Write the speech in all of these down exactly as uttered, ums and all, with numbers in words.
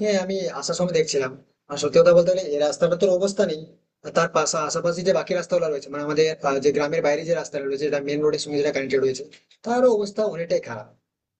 হ্যাঁ, আমি আসার সময় দেখছিলাম। আর সত্যি কথা বলতে গেলে, এই রাস্তাটা তোর অবস্থা নেই। আর তার পাশা আশেপাশে যে বাকি রাস্তাগুলো রয়েছে মানে আমাদের আহ, যে গ্রামের বাইরে যে রাস্তা রয়েছে, যেটা মেন রোডের সঙ্গে যেটা কানেক্টেড রয়েছে, তারও অবস্থা অনেকটাই খারাপ।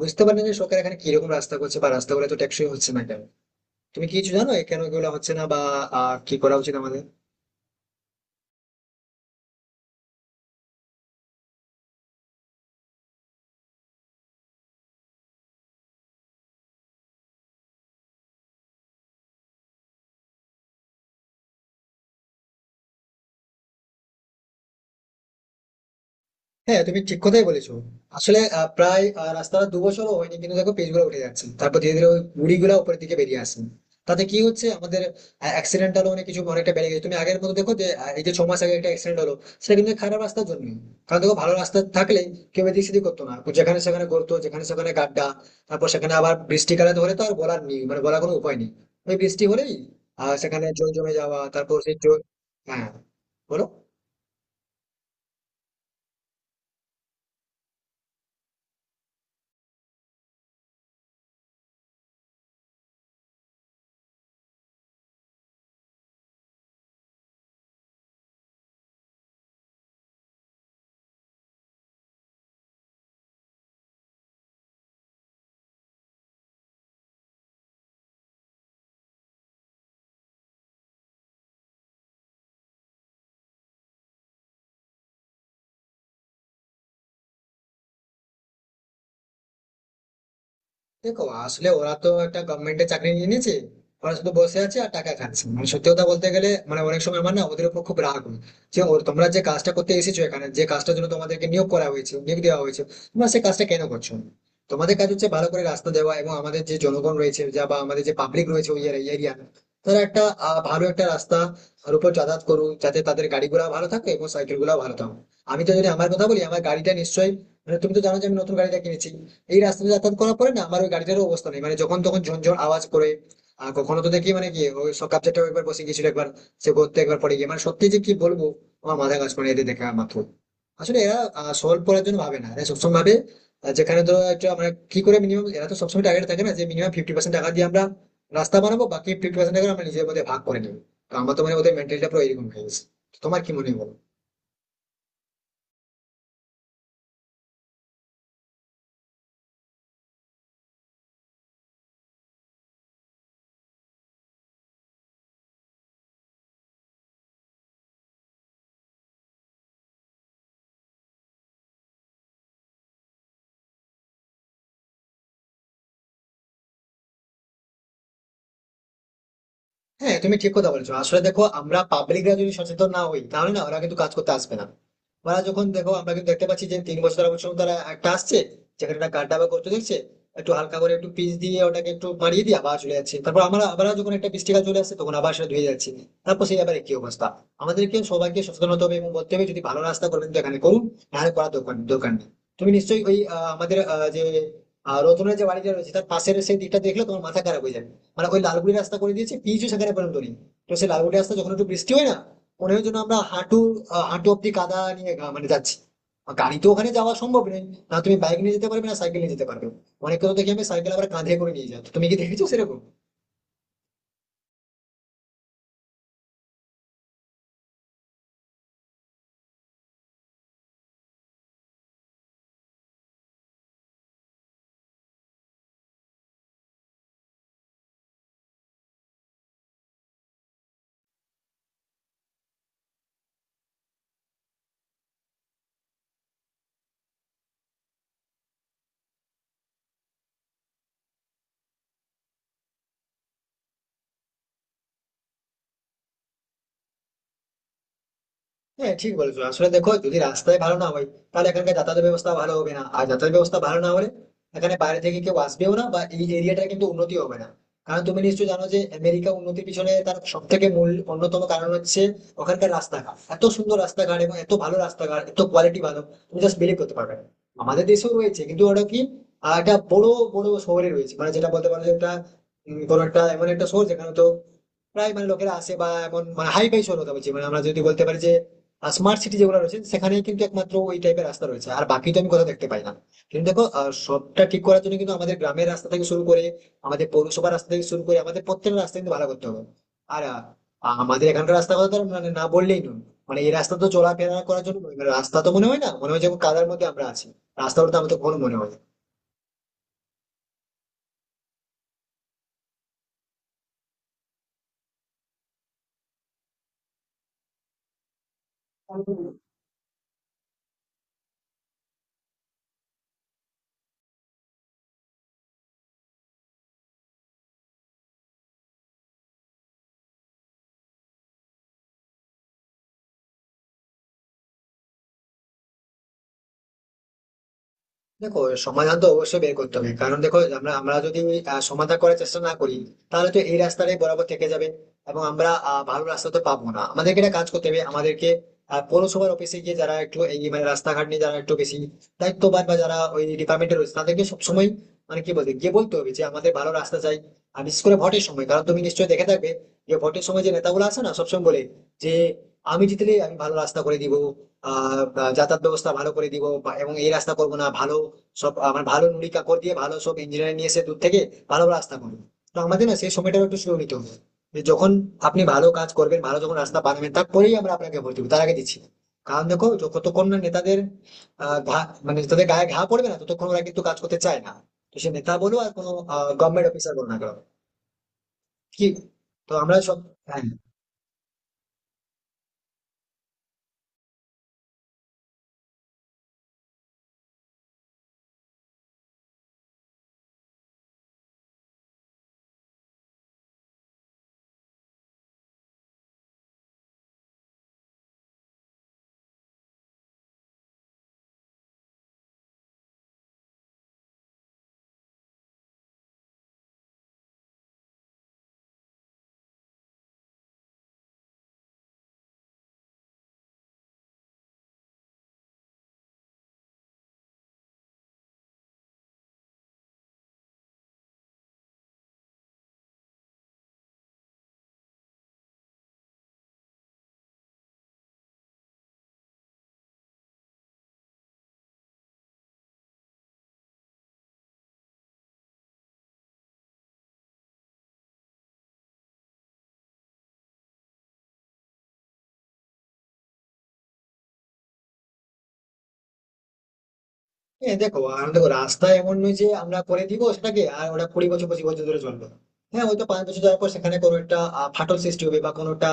বুঝতে পারি না যে সরকার এখানে কিরকম রাস্তা করছে বা রাস্তাগুলো তো টেকসই হচ্ছে না কেন। তুমি কি কিছু জানো এ কেন এগুলো হচ্ছে না, বা আহ, কি করা উচিত আমাদের? হ্যাঁ, তুমি ঠিক কথাই বলেছো। আসলে আহ, প্রায় আহ, রাস্তাটা দু বছরও হয়নি, কিন্তু দেখো পেজ গুলো উঠে যাচ্ছে। তারপর ধীরে ধীরে ওই গুড়ি গুলা উপরের দিকে বেরিয়ে আসছে। তাতে কি হচ্ছে আমাদের? অ্যাক্সিডেন্টাল অনেক কিছু অনেকটা বেড়ে গেছে। তুমি আগের মতো দেখো যে আহ, এই যে ছ মাস আগে একটা অ্যাক্সিডেন্ট হলো, সেটা কিন্তু খারাপ রাস্তার জন্য। কারণ দেখো, ভালো রাস্তা থাকলে কেউ এদিক সেদিক করতো না, যেখানে সেখানে করতো, যেখানে সেখানে গাড্ডা। তারপর সেখানে আবার বৃষ্টিকালে তো হলে তো আর বলার নেই, মানে বলার কোনো উপায় নেই। ওই বৃষ্টি হলেই আহ সেখানে জল জমে যাওয়া, তারপর সেই জল। হ্যাঁ, বলো। দেখো, আসলে ওরা তো একটা গভর্নমেন্টের চাকরি নিয়ে নিয়েছে। ওরা শুধু বসে আছে আর টাকা খাচ্ছে, মানে সত্যি কথা বলতে গেলে, মানে অনেক সময় আমার না ওদের উপর খুব রাগ হয়। যে ওর- তোমরা যে কাজটা করতে এসেছো এখানে, যে কাজটার জন্য তোমাদেরকে নিয়োগ করা হয়েছে, নিয়োগ দেওয়া হয়েছে, তোমরা সেই কাজটা কেন করছো না? তোমাদের কাজ হচ্ছে ভালো করে রাস্তা দেওয়া, এবং আমাদের যে জনগণ রয়েছে যা বা আমাদের যে পাবলিক রয়েছে ওই এরিয়া, তারা একটা আহ, ভালো একটা রাস্তা আর উপর যাতায়াত করুক, যাতে তাদের গাড়িগুলো ভালো থাকে এবং সাইকেল গুলো ভালো থাকে। আমি তো যদি আমার কথা বলি, আমার গাড়িটা নিশ্চয়ই, মানে তুমি তো জানো যে আমি নতুন গাড়িটা কিনেছি। এই রাস্তা দিয়ে যাতায়াত করার পরে না আমার ওই গাড়িটারও অবস্থা নেই, মানে যখন তখন ঝনঝন আওয়াজ করে। আর কখনো তো দেখি মানে কি, ওই সকাল চারটা একবার বসে গেছিল, একবার সে করতে একবার পড়ে গিয়ে, মানে সত্যি যে কি বলবো। আমার মাথা কাজ করে না এদের দেখা মাত্র। আসলে এরা সলভ করার জন্য ভাবে না, এরা সবসময় ভাবে আহ, যেখানে ধরো একটা মানে কি করে মিনিমাম, এরা তো সবসময় টার্গেট থাকে না যে মিনিমাম ফিফটি পার্সেন্ট টাকা দিয়ে আমরা রাস্তা বানাবো, বাকি ফিফটি পার্সেন্ট টাকা আমরা নিজের মধ্যে ভাগ করে নেবো। তো আমার তো মানে ওদের মেন্টালিটা পুরো এরকম হয়ে গেছে। তো তোমার কি মনে হয় বলো? হ্যাঁ, তুমি ঠিক কথা বলছো। আসলে দেখো, আমরা পাবলিকরা যদি সচেতন না হই, তাহলে না ওরা কিন্তু কাজ করতে আসবে না। ওরা যখন দেখো, আমরা কিন্তু দেখতে পাচ্ছি যে তিন বছর চার বছর তারা একটা আসছে, যেখানে একটা গাড্ডা বা গর্ত দেখছে, একটু হালকা করে একটু পিচ দিয়ে ওটাকে একটু মারিয়ে দিয়ে আবার চলে যাচ্ছে। তারপর আমরা আবার যখন একটা বৃষ্টিকাল চলে আসছে, তখন আবার সেটা ধুয়ে যাচ্ছে। তারপর সেই ব্যাপারে কি অবস্থা। আমাদেরকে সবাইকে সচেতন হতে হবে এবং বলতে হবে, যদি ভালো রাস্তা করবেন তো এখানে করুন, নাহলে করার দরকার দরকার নেই। তুমি নিশ্চয়ই ওই আহ, আমাদের আহ, যে আহ, রতনের যে বাড়িটা রয়েছে তার পাশের সেই দিকটা দেখলে, তোমার মাথা খারাপ হয়ে যাবে। মানে ওই লালগুড়ি রাস্তা করে দিয়েছে, পিচও সেখানে পর্যন্ত নেই। তো সেই লালগুড়ি রাস্তা যখন একটু বৃষ্টি হয় না, মনে হয় যেন আমরা হাঁটু আহ, হাঁটু অব্দি কাদা নিয়ে গা- মানে যাচ্ছি। আর গাড়ি তো ওখানে যাওয়া সম্ভব নেই। না, তুমি বাইক নিয়ে যেতে পারবে, না সাইকেল নিয়ে যেতে পারবে। অনেকে তো দেখি আমি সাইকেল আবার কাঁধে করে নিয়ে যাই, তো তুমি কি দেখেছো সেরকম? হ্যাঁ, ঠিক বলেছো। আসলে দেখো, যদি রাস্তায় ভালো না হয়, তাহলে এখানকার যাতায়াত ব্যবস্থা ভালো হবে না, আর যাতায়াত ব্যবস্থা ভালো না হলে এখানে বাইরে থেকে কেউ আসবেও না, বা এই এরিয়াটা কিন্তু উন্নতি হবে না। কারণ তুমি নিশ্চয়ই জানো যে আমেরিকা উন্নতির পিছনে তার সব থেকে মূল অন্যতম কারণ হচ্ছে ওখানকার রাস্তাঘাট। এত সুন্দর রাস্তাঘাট, এবং এত ভালো রাস্তাঘাট, এত কোয়ালিটি ভালো। তুমি জাস্ট বিলিভ করতে পারবে না। আমাদের দেশেও রয়েছে, কিন্তু ওটা কি আহ, একটা বড় বড় শহরে রয়েছে। মানে যেটা বলতে পারো যে একটা উম, কোনো একটা এমন একটা শহর যেখানে তো প্রায়, মানে লোকেরা আসে, বা এমন মানে হাই ফাই শহর কথা বলছি, মানে আমরা যদি বলতে পারি যে স্মার্ট সিটি যেগুলো রয়েছে সেখানেই কিন্তু একমাত্র ওই টাইপের রাস্তা রয়েছে, আর বাকি তো আমি কোথাও দেখতে পাই না। কিন্তু দেখো, আহ, সবটা ঠিক করার জন্য কিন্তু আমাদের গ্রামের রাস্তা থেকে শুরু করে, আমাদের পৌরসভার রাস্তা থেকে শুরু করে, আমাদের প্রত্যেকটা রাস্তা কিন্তু ভালো করতে হবে। আর আহ, আমাদের এখানকার রাস্তা কথা তো আর মানে না বললেই নয়। মানে এই রাস্তা তো চলাফেরা করার জন্য নয়। মানে রাস্তা তো মনে হয় না, মনে হয় যেমন কাদার মধ্যে আমরা আছি। রাস্তা বলতে আমার তো আমাদের কখনো মনে হয় না। দেখো, সমাধান তো অবশ্যই বের করতে হবে, কারণ দেখো আমরা আমরা যদি ওই, আহ, সমাধান করার চেষ্টা না করি, তাহলে তো এই রাস্তাটাই বরাবর থেকে যাবে, এবং আমরা আহ, ভালো রাস্তা তো পাবো না। আমাদেরকে একটা কাজ করতে হবে, আমাদেরকে আহ, পৌরসভার অফিসে গিয়ে যারা একটু এই মানে রাস্তাঘাট নিয়ে যারা একটু বেশি দায়িত্ববান, বা যারা ওই ডিপার্টমেন্টে রয়েছে তাদেরকে সবসময় মানে কি বলতে গিয়ে বলতে হবে যে আমাদের ভালো রাস্তা চাই। আর বিশেষ করে ভোটের সময়, কারণ তুমি নিশ্চয়ই দেখে থাকবে যে ভোটের সময় যে নেতাগুলো আছে না সবসময় বলে যে আমি জিতলে আমি ভালো রাস্তা করে দিব, আহ আহ, যাতায়াত ব্যবস্থা ভালো করে দিব, বা- এবং এই রাস্তা করবো না ভালো, সব আমার ভালো নুড়ি কাকড় দিয়ে, ভালো সব ইঞ্জিনিয়ার নিয়ে এসে দূর থেকে ভালো রাস্তা করবে। তো আমাদের না সেই সময়টাও একটু স্লো নিতে হবে, যে যখন আপনি ভালো কাজ করবেন, ভালো যখন রাস্তা বানাবেন, তারপরেই আমরা আপনাকে ভোট দেবো, তার আগে দিচ্ছি না। কারণ দেখো, যতক্ষণ না নেতাদের আহ ঘা- মানে তাদের গায়ে ঘা পড়বে না, ততক্ষণ ওরা কিন্তু কাজ করতে চায় না। তো সে নেতা বলো আর কোনো গভর্নমেন্ট অফিসার বলো না কেন। কি? তো আমরা সব। হ্যাঁ, হ্যাঁ। দেখো, আর দেখো, রাস্তা এমন নয় যে আমরা করে দিব সেটাকে আর ওটা কুড়ি বছর পঁচিশ বছর ধরে চলবে। হ্যাঁ, হয়তো পাঁচ বছর যাওয়ার পর সেখানে কোনো একটা আহ, ফাটল সৃষ্টি হবে, বা কোনোটা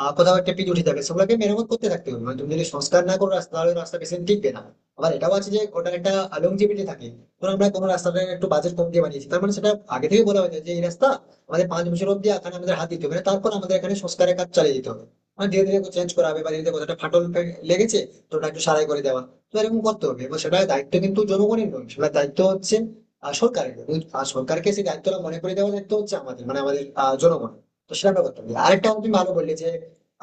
আহ, কোথাও একটা পিচ উঠে যাবে, সেগুলোকে মেরামত করতে থাকতে হবে। মানে তুমি যদি সংস্কার না করো রাস্তা, তাহলে রাস্তা বেশি দিন টিকবে না। আবার এটাও আছে যে ওটার একটা লংজিভিটি থাকে। ধরো আমরা কোনো রাস্তাটা একটু বাজেট কম দিয়ে বানিয়েছি, তার মানে সেটা আগে থেকে বলা হয়েছে যে এই রাস্তা আমাদের পাঁচ বছর অব্দি এখানে আমাদের হাত দিতে হবে না, তারপর আমাদের এখানে সংস্কারের কাজ চালিয়ে যেতে হবে। মানে ধীরে ধীরে চেঞ্জ করা হবে, বা ধীরে ধীরে কোথাটা ফাটল ফে- লেগেছে, তো ওটা একটু সারাই করে দেওয়া। তো এরকম করতে হবে, এবং সেটার দায়িত্ব কিন্তু জনগণের নয়, সেটার দায়িত্ব হচ্ছে আহ, সরকারের। কিন্তু, আহ, সরকারকে সেই দায়িত্বটা মনে করে দেওয়ার দায়িত্ব হচ্ছে আমাদের, মানে আমাদের আহ, জনগণের। তো সেটা আমরা করতে হবে। আরেকটা তুমি ভালো বললে যে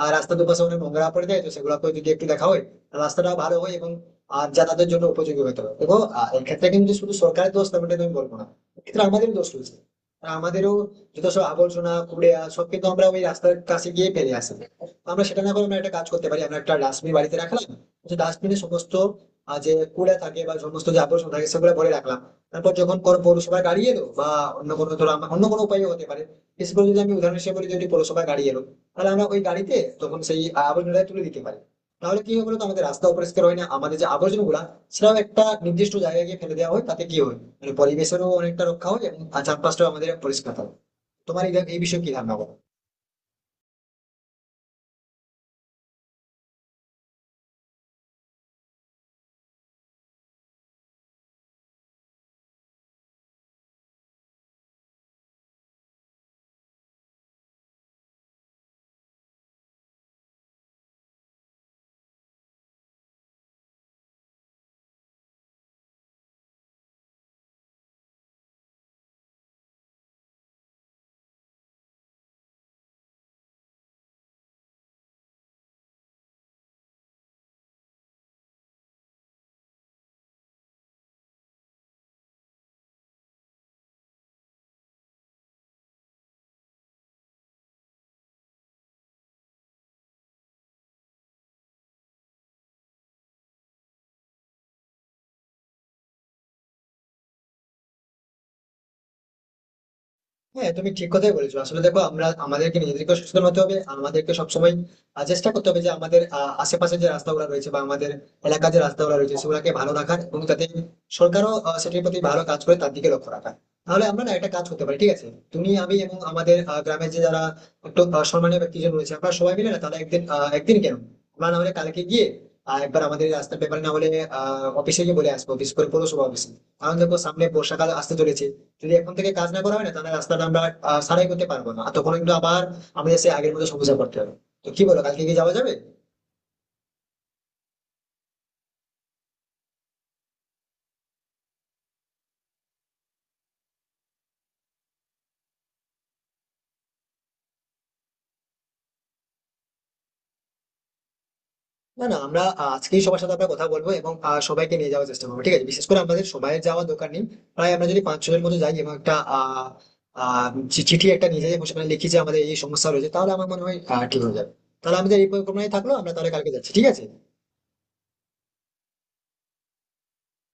আহ, রাস্তার দুপাশে অনেক নোংরা পড়ে যায়, তো সেগুলোকে যদি একটু দেখা হয়, তাহলে রাস্তাটাও ভালো হয়, এবং আর যাতায়াতের জন্য উপযোগী হতে হবে। এবং আহ, এক্ষেত্রে কিন্তু শুধু সরকারের দোষ তেমনটা আমি বলবো না, এক্ষেত্রে আমাদেরও দোষ রয়েছে। কারণ আমাদেরও যত সব আবর্জনা কুড়িয়া সব কিন্তু আমরা ওই রাস্তার কাছে গিয়ে ফেলে আসি তো। আমরা সেটা না করে আমরা একটা কাজ করতে পারি, আমরা একটা ডাস্টবিন বাড়িতে রাখলাম। তো ডাস্টবিনে সমস্ত আহ, যে কুড়ে থাকে বা সমস্ত যে আবর্জনা থাকে সেগুলো ভরে রাখলাম। তারপর যখন কোনো পৌরসভায় গাড়ি এলো, বা অন্য কোনো ধরো আমার- অন্য কোনো উপায় হতে পারে। বিশেষ করে যদি আমি উদাহরণ হিসেবে বলি, যদি পৌরসভায় গাড়ি এলো, তাহলে আমরা ওই গাড়িতে তখন সেই আবর্জনাটা তুলে দিতে পারি। তাহলে কি হবে বলতো? আমাদের রাস্তা অপরিষ্কার হয় না, আমাদের যে আবর্জনা গুলা সেটাও একটা নির্দিষ্ট জায়গায় গিয়ে ফেলে দেওয়া হয়, তাতে কি হয় মানে পরিবেশেরও অনেকটা রক্ষা হয়, এবং চারপাশটাও আমাদের পরিষ্কার থাকে। তোমার এই এই বিষয়ে কি ধারণা বলো? হ্যাঁ, তুমি ঠিক কথাই বলেছো। আসলে দেখো, আমরা আমাদেরকে নিজেদেরকে সচেতন হতে হবে, আমাদেরকে সবসময় আহ, চেষ্টা করতে হবে যে আমাদের আহ, আশেপাশে যে রাস্তাগুলো রয়েছে বা আমাদের এলাকার যে রাস্তাগুলো রয়েছে সেগুলোকে ভালো রাখার, এবং তাতে সরকারও আহ, সেটির প্রতি ভালো কাজ করে তার দিকে লক্ষ্য রাখা। তাহলে আমরা না একটা কাজ করতে পারি, ঠিক আছে। তুমি আমি এবং আমাদের আহ, গ্রামের যে যারা একটু আহ, সম্মানীয় ব্যক্তিজন রয়েছে, আমরা সবাই মিলে না তারা একদিন, আহ, একদিন কেন, আমরা না হলে কালকে গিয়ে আহ, একবার আমাদের এই রাস্তার ব্যাপারে, না হলে আহ অফিসে গিয়ে বলে আসবো, বিশেষ করে পৌরসভা অফিসে। কারণ দেখো, সামনে বর্ষাকাল আসতে চলেছে। যদি এখন থেকে কাজ না করা হয় না, তাহলে রাস্তাটা আমরা আহ, সারাই করতে পারবো না, আর তখন কিন্তু আবার আমাদের সেই আগের মতো সমস্যা করতে হবে। তো কি বলো, কালকে কি যাওয়া যাবে? না, না, আমরা আহ, আজকেই সবার সাথে আমরা কথা বলবো, এবং আহ, সবাইকে নিয়ে যাওয়ার চেষ্টা করবো, ঠিক আছে। বিশেষ করে আমাদের সবাই যাওয়ার দরকার নেই। প্রায় আমরা যদি পাঁচ ছজনের মতো যাই, এবং একটা আহ আহ চি- চিঠি একটা নিয়ে যাই, এবং সেখানে লিখি যে আমাদের এই সমস্যা রয়েছে, তাহলে আমার মনে হয় আহ, ঠিক হয়ে যাবে। তাহলে আমাদের এই পরিকল্পনাই থাকলো, আমরা তাহলে কালকে যাচ্ছি, ঠিক আছে।